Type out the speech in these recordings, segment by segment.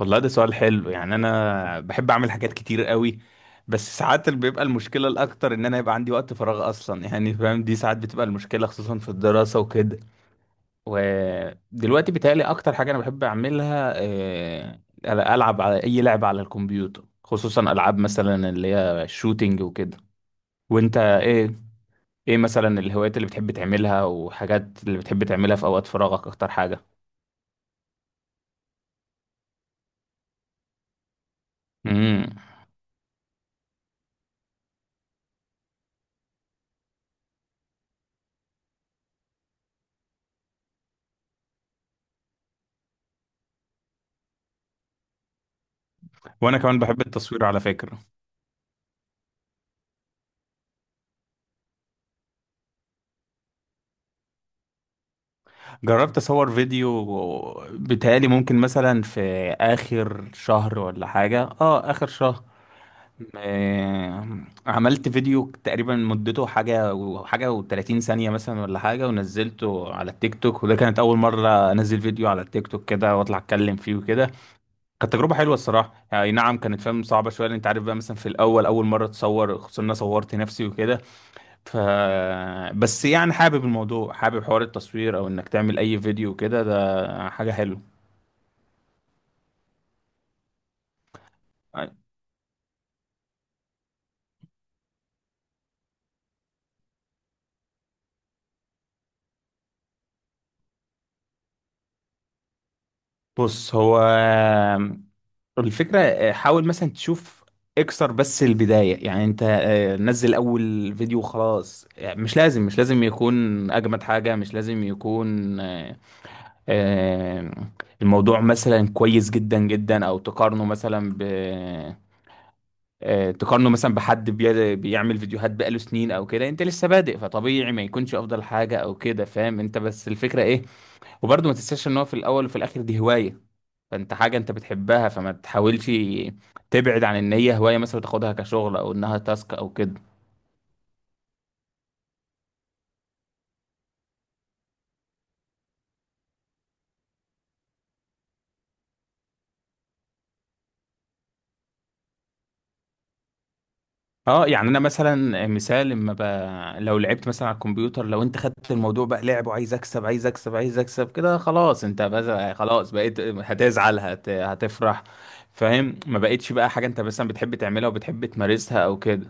والله ده سؤال حلو، يعني انا بحب اعمل حاجات كتير قوي. بس ساعات اللي بيبقى المشكله الاكتر ان انا يبقى عندي وقت فراغ اصلا، يعني فاهم، دي ساعات بتبقى المشكله، خصوصا في الدراسه وكده. ودلوقتي بيتهيألي اكتر حاجه انا بحب اعملها العب على اي لعبه على الكمبيوتر، خصوصا العاب مثلا اللي هي الشوتينج وكده. وانت ايه؟ ايه مثلا الهوايات اللي بتحب تعملها وحاجات اللي بتحب تعملها في اوقات فراغك اكتر حاجه؟ امم. وانا كمان بحب التصوير على فكره. جربت اصور فيديو، بيتهيألي ممكن مثلا في اخر شهر ولا حاجة، اه اخر شهر. آه، عملت فيديو تقريبا مدته حاجة وحاجة و30 ثانية مثلا ولا حاجة، ونزلته على التيك توك، وده كانت أول مرة أنزل فيديو على التيك توك كده وأطلع أتكلم فيه وكده. كانت تجربة حلوة الصراحة، يعني نعم كانت، فاهم، صعبة شوية، لأن أنت عارف بقى مثلا في الأول أول مرة تصور، خصوصا إن أنا صورت نفسي وكده. ف بس يعني حابب الموضوع، حابب حوار التصوير او انك تعمل اي فيديو كده، ده حاجة حلوة. بص هو الفكرة، حاول مثلا تشوف، اكسر بس البداية. يعني انت نزل اول فيديو خلاص، يعني مش لازم، يكون اجمد حاجة، مش لازم يكون آه، الموضوع مثلا كويس جدا جدا. او تقارنه مثلا ب تقارنه مثلا بحد بيعمل فيديوهات بقاله سنين او كده، انت لسه بادئ فطبيعي ما يكونش افضل حاجه او كده، فاهم انت بس الفكره ايه. وبرضه ما تنساش ان هو في الاول وفي الاخر دي هوايه، فانت حاجه انت بتحبها، فما تحاولش تبعد عن ان هي هوايه مثلا وتاخدها كشغل او انها تاسك او كده. اه يعني انا مثلا مثال، لو لعبت مثلا على الكمبيوتر، لو انت خدت الموضوع بقى لعب وعايز اكسب عايز اكسب عايز اكسب كده خلاص، انت بس خلاص بقيت هتزعل هتفرح، فاهم، ما بقتش بقى حاجة انت مثلا بتحب تعملها وبتحب تمارسها او كده.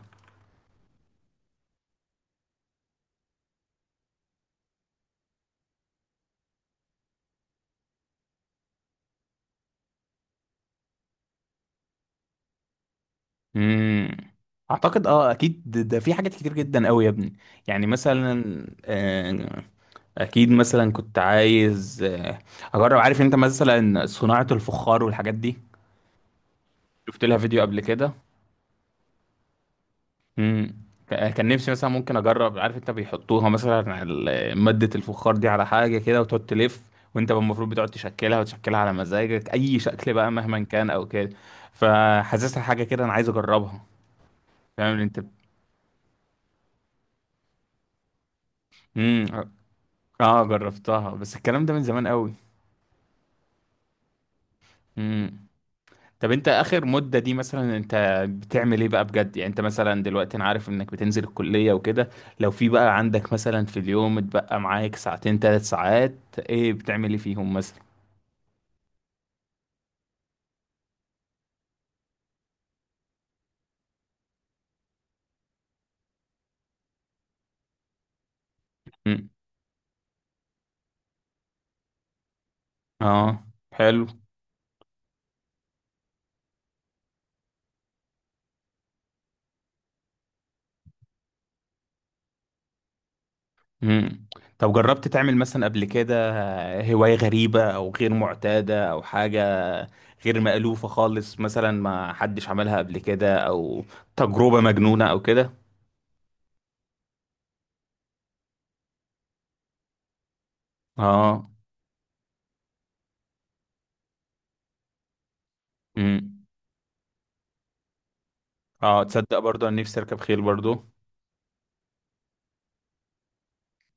امم. اعتقد، اه، اكيد، ده في حاجات كتير جدا قوي يا ابني. يعني مثلا آه، اكيد مثلا كنت عايز اجرب، عارف انت مثلا صناعة الفخار والحاجات دي. شفت لها فيديو قبل كده. امم. كان نفسي مثلا ممكن اجرب، عارف انت بيحطوها مثلا على مادة الفخار دي على حاجة كده وتقعد تلف، وانت المفروض بتقعد تشكلها وتشكلها على مزاجك اي شكل بقى مهما كان او كده. فحاسسها حاجة كده، انا عايز اجربها، فاهم انت. امم. اه جربتها بس الكلام ده من زمان قوي. امم. طب انت اخر مدة دي مثلا، انت بتعمل ايه بقى بجد؟ يعني انت مثلا دلوقتي، انا عارف انك بتنزل الكلية وكده، لو في بقى عندك مثلا في اليوم اتبقى معاك ساعتين ثلاث ساعات، ايه بتعمل ايه فيهم مثلا؟ مم. اه. حلو. مم. طب جربت تعمل مثلا قبل كده هواية غريبة او غير معتادة او حاجة غير مألوفة خالص، مثلا ما حدش عملها قبل كده، او تجربة مجنونة او كده؟ اه. مم. اه تصدق برضو انا نفسي اركب خيل برضو.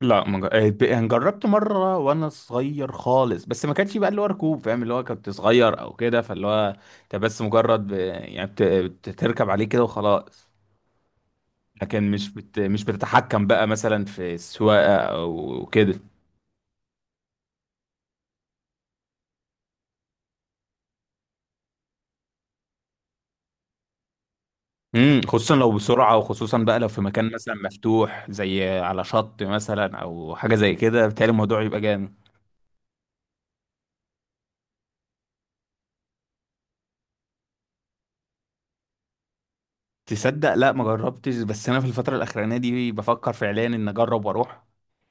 لا، ما جر- آه، ب- يعني جربت مره وانا صغير خالص، بس ما كانش بقى اللي هو ركوب، فاهم، اللي هو كنت صغير او كده، فاللي هو انت بس مجرد بتركب عليه كده وخلاص، لكن مش بتتحكم بقى مثلا في السواقه او كده. امم. خصوصا لو بسرعه، وخصوصا بقى لو في مكان مثلا مفتوح زي على شط مثلا او حاجه زي كده، بتهيألي الموضوع يبقى جامد. تصدق، لا ما جربتش، بس انا في الفتره الاخرانيه دي بفكر فعليا ان اجرب واروح.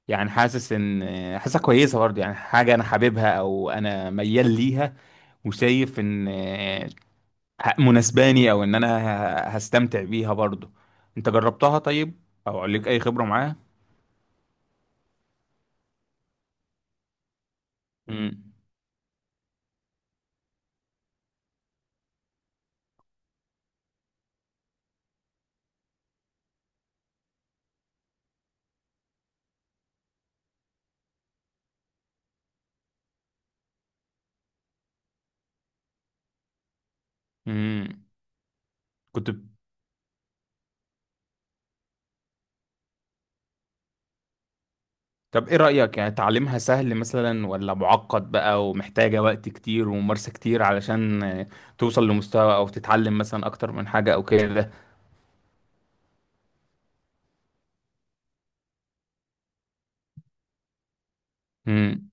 يعني حاسس ان، حاسسها كويسه برضه، يعني حاجه انا حاببها او انا ميال ليها، وشايف ان مناسباني او ان انا هستمتع بيها برضه. انت جربتها طيب؟ او ليك اي خبره معاها؟ امم. امم. كنت ب- طب ايه رايك؟ يعني تعليمها سهل مثلا ولا معقد بقى ومحتاجه وقت كتير وممارسه كتير علشان توصل لمستوى، او تتعلم مثلا اكتر من حاجه او كده؟ امم.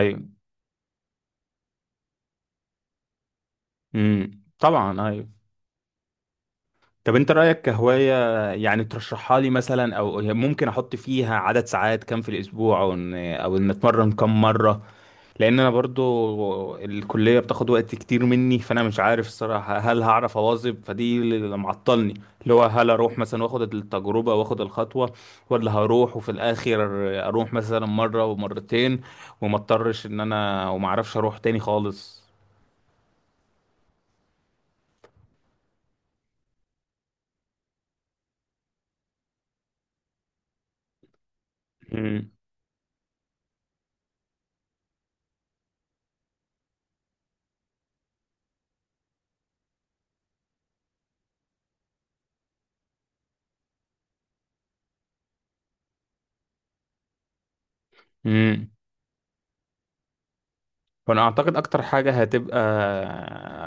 ايوه. امم، طبعا، ايوه. طب انت رأيك كهواية، يعني ترشحها لي مثلا؟ او ممكن احط فيها عدد ساعات كام في الاسبوع، او ان اتمرن كام مرة؟ لان انا برضو الكلية بتاخد وقت كتير مني، فانا مش عارف الصراحة هل هعرف اواظب، فدي اللي معطلني، اللي هو هل اروح مثلا واخد التجربة واخد الخطوة، ولا هروح وفي الاخر اروح مثلا مرة ومرتين، وما اضطرش ان انا، وما اعرفش اروح تاني خالص. امم. فانا اعتقد اكتر حاجه هتبقى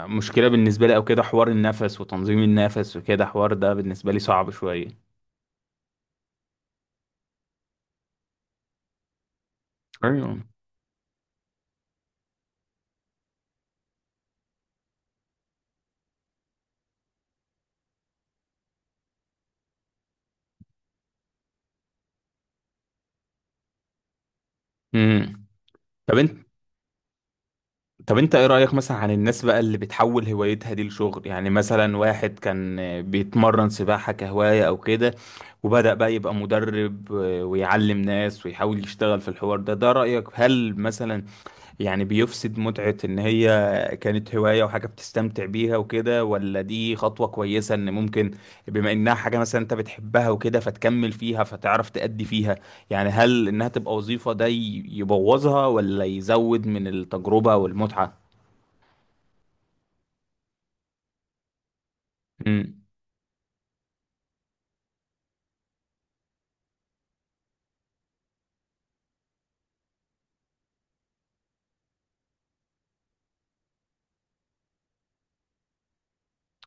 مشكله بالنسبه لي او كده، حوار النفس وتنظيم النفس وكده، حوار ده بالنسبه لي صعب شويه. ايوه. امم. طب انت طب انت ايه رايك مثلا عن الناس بقى اللي بتحول هوايتها دي لشغل؟ يعني مثلا واحد كان بيتمرن سباحه كهوايه او كده، وبدا بقى يبقى مدرب ويعلم ناس ويحاول يشتغل في الحوار ده، ده رايك هل مثلا يعني بيفسد متعة ان هي كانت هواية وحاجة بتستمتع بيها وكده، ولا دي خطوة كويسة ان ممكن، بما انها حاجة مثلا انت بتحبها وكده فتكمل فيها فتعرف تأدي فيها. يعني هل انها تبقى وظيفة ده يبوظها ولا يزود من التجربة والمتعة؟ امم.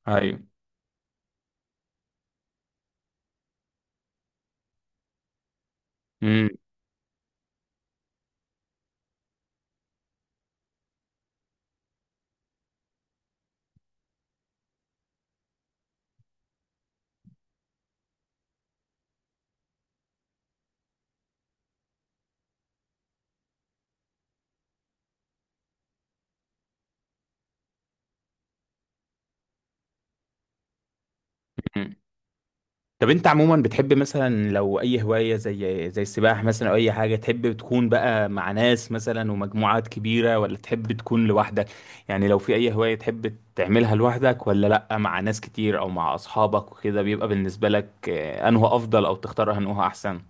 ايوه. امم. طب انت عموما بتحب مثلا لو اي هواية زي السباحة مثلا او اي حاجة، تحب تكون بقى مع ناس مثلا ومجموعات كبيرة، ولا تحب تكون لوحدك؟ يعني لو في اي هواية تحب تعملها لوحدك ولا لا مع ناس كتير او مع اصحابك وكده، بيبقى بالنسبة لك انه افضل او تختار انه احسن؟